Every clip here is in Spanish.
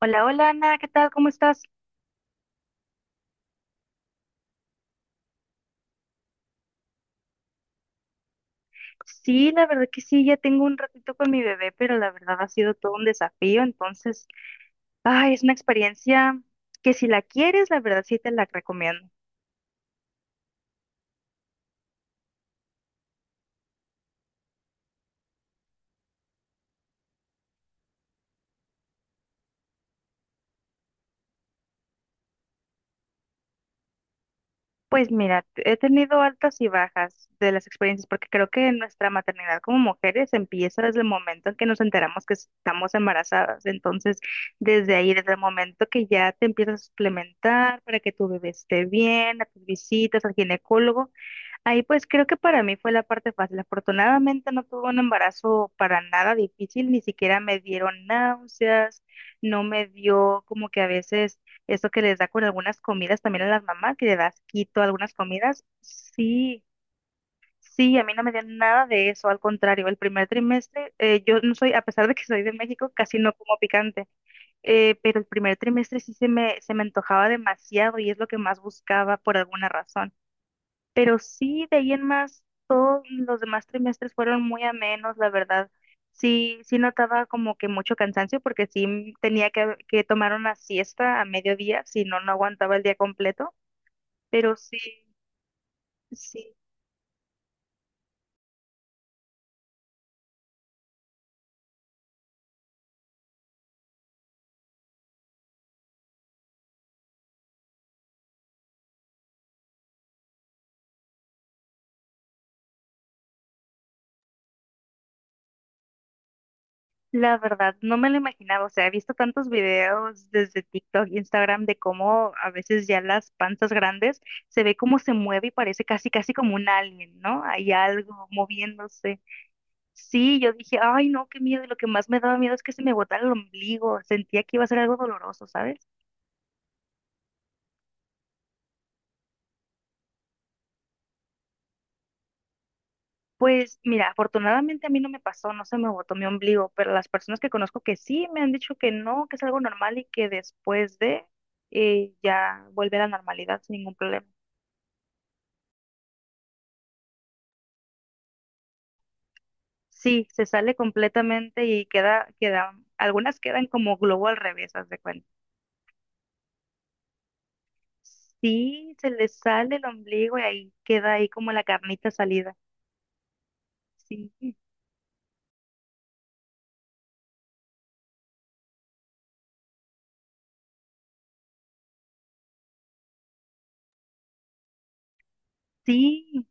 Hola, hola Ana, ¿qué tal? ¿Cómo estás? Sí, la verdad que sí, ya tengo un ratito con mi bebé, pero la verdad ha sido todo un desafío, entonces, ay, es una experiencia que si la quieres, la verdad sí te la recomiendo. Pues mira, he tenido altas y bajas de las experiencias, porque creo que nuestra maternidad como mujeres empieza desde el momento en que nos enteramos que estamos embarazadas, entonces, desde ahí, desde el momento que ya te empiezas a suplementar para que tu bebé esté bien, a tus visitas al ginecólogo. Ahí pues creo que para mí fue la parte fácil. Afortunadamente no tuve un embarazo para nada difícil, ni siquiera me dieron náuseas, no me dio como que a veces eso que les da con algunas comidas también a las mamás, que le das quito algunas comidas. Sí, sí, a mí no me dio nada de eso, al contrario, el primer trimestre, yo no soy, a pesar de que soy de México, casi no como picante, pero el primer trimestre sí se me antojaba demasiado y es lo que más buscaba por alguna razón. Pero sí, de ahí en más, todos los demás trimestres fueron muy amenos, la verdad. Sí, sí notaba como que mucho cansancio porque sí tenía que tomar una siesta a mediodía, si no, no aguantaba el día completo. Pero sí, sí, la verdad, no me lo imaginaba. O sea, he visto tantos videos desde TikTok, Instagram, de cómo a veces ya las panzas grandes se ve cómo se mueve y parece casi, casi como un alien, ¿no? Hay algo moviéndose. Sí, yo dije, ay, no, qué miedo. Y lo que más me daba miedo es que se me botara el ombligo. Sentía que iba a ser algo doloroso, ¿sabes? Pues mira, afortunadamente a mí no me pasó, no se me botó mi ombligo, pero las personas que conozco que sí me han dicho que no, que es algo normal y que después de ya vuelve a la normalidad sin ningún problema. Sí, se sale completamente y queda, algunas quedan como globo al revés, haz de cuenta. Sí, se le sale el ombligo y ahí queda ahí como la carnita salida. Sí, sí,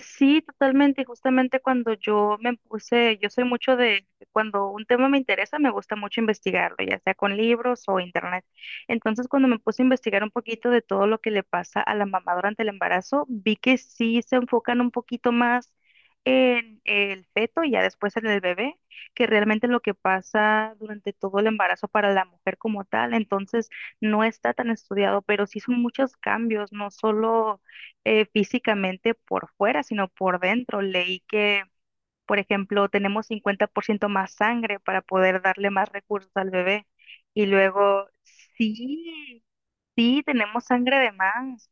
sí, totalmente. Y justamente cuando yo me puse, yo soy mucho de, cuando un tema me interesa, me gusta mucho investigarlo, ya sea con libros o internet. Entonces, cuando me puse a investigar un poquito de todo lo que le pasa a la mamá durante el embarazo, vi que sí se enfocan un poquito más en el feto y ya después en el bebé, que realmente lo que pasa durante todo el embarazo para la mujer como tal. Entonces, no está tan estudiado, pero sí son muchos cambios, no solo físicamente por fuera, sino por dentro. Leí que, por ejemplo, tenemos 50% más sangre para poder darle más recursos al bebé. Y luego, sí, sí, tenemos sangre de más.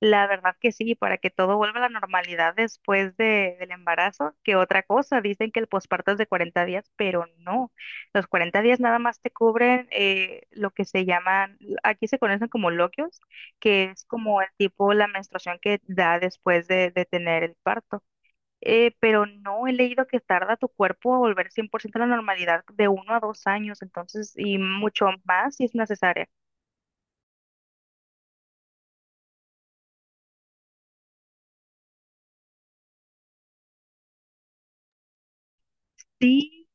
La verdad que sí, para que todo vuelva a la normalidad después del embarazo, que otra cosa, dicen que el posparto es de 40 días, pero no, los 40 días nada más te cubren lo que se llaman, aquí se conocen como loquios, que es como el tipo, la menstruación que da después de tener el parto. Pero no he leído que tarda tu cuerpo a volver 100% a la normalidad de 1 a 2 años, entonces, y mucho más si es necesaria. Sí,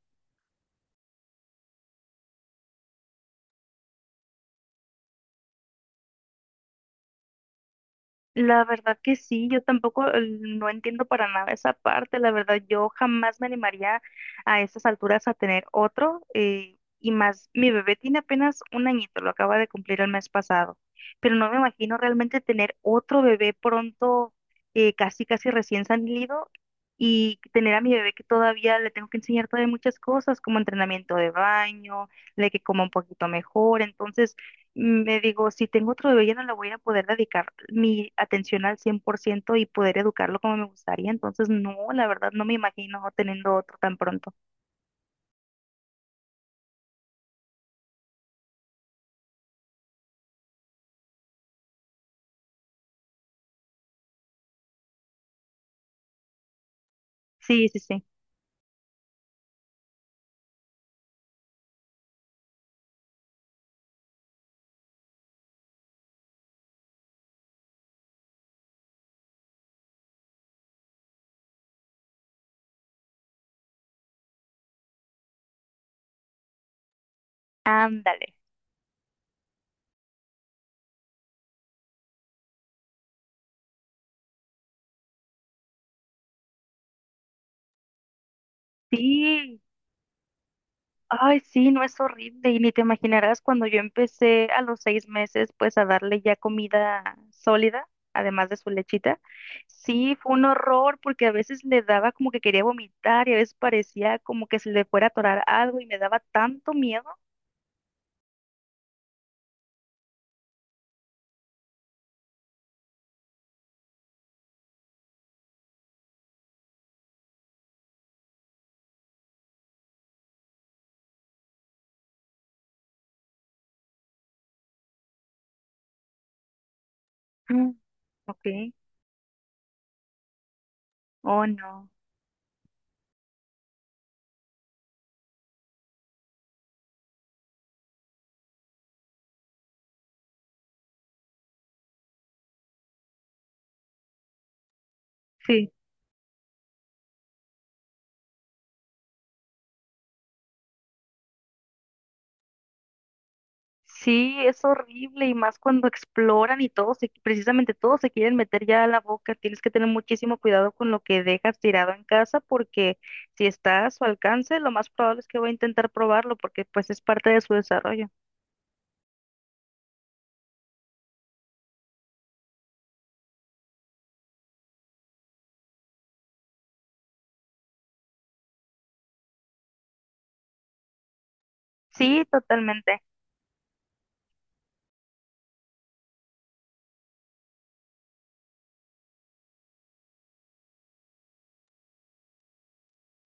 la verdad que sí, yo tampoco no entiendo para nada esa parte, la verdad yo jamás me animaría a esas alturas a tener otro y más, mi bebé tiene apenas un añito, lo acaba de cumplir el mes pasado, pero no me imagino realmente tener otro bebé pronto, casi casi recién salido y tener a mi bebé que todavía le tengo que enseñar todavía muchas cosas como entrenamiento de baño, de que coma un poquito mejor, entonces me digo, si tengo otro bebé ya no le voy a poder dedicar mi atención al 100% y poder educarlo como me gustaría. Entonces, no, la verdad, no me imagino teniendo otro tan pronto. Sí, sí, sí. Ándale. Sí. Ay, sí, no es horrible. Y ni te imaginarás cuando yo empecé a los 6 meses, pues a darle ya comida sólida, además de su lechita. Sí, fue un horror porque a veces le daba como que quería vomitar y a veces parecía como que se le fuera a atorar algo y me daba tanto miedo. Mm. Ok. Oh, no. Sí. Sí, es horrible y más cuando exploran y todos, precisamente todos se quieren meter ya a la boca. Tienes que tener muchísimo cuidado con lo que dejas tirado en casa porque si está a su alcance, lo más probable es que va a intentar probarlo porque pues es parte de su desarrollo. Sí, totalmente.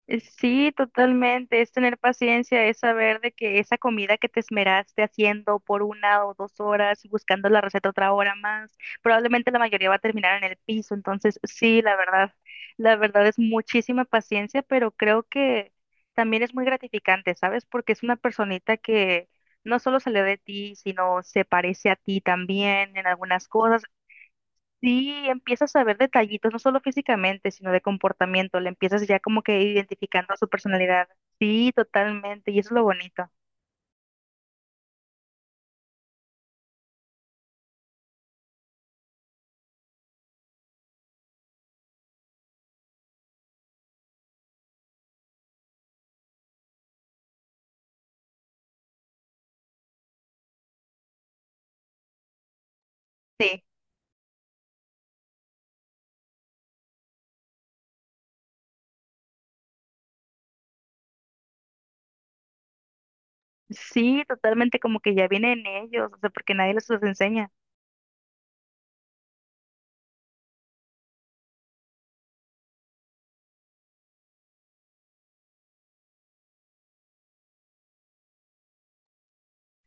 Sí, totalmente. Es tener paciencia, es saber de que esa comida que te esmeraste haciendo por 1 o 2 horas y buscando la receta otra hora más, probablemente la mayoría va a terminar en el piso. Entonces, sí, la verdad es muchísima paciencia, pero creo que también es muy gratificante, ¿sabes? Porque es una personita que no solo salió de ti, sino se parece a ti también en algunas cosas. Sí, empiezas a ver detallitos, no solo físicamente, sino de comportamiento. Le empiezas ya como que identificando su personalidad. Sí, totalmente. Y eso es lo bonito. Sí, sí, totalmente como que ya viene en ellos, o sea, porque nadie les los enseña.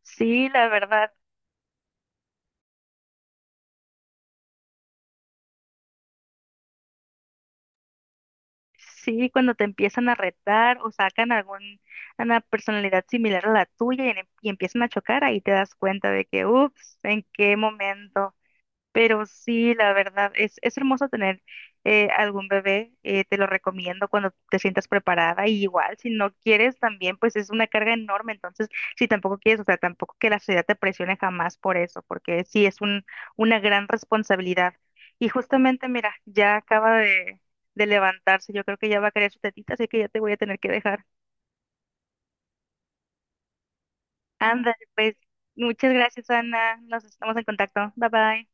Sí, la verdad. Sí, cuando te empiezan a retar o sacan una personalidad similar a la tuya y, y empiezan a chocar, ahí te das cuenta de que, ups, ¿en qué momento? Pero sí, la verdad, es hermoso tener algún bebé, te lo recomiendo cuando te sientas preparada y igual si no quieres también, pues es una carga enorme, entonces si tampoco quieres, o sea, tampoco que la sociedad te presione jamás por eso, porque sí es una gran responsabilidad. Y justamente, mira, ya acaba de levantarse, yo creo que ya va a querer su tetita, así que ya te voy a tener que dejar. Anda, pues, muchas gracias, Ana, nos estamos en contacto, bye bye.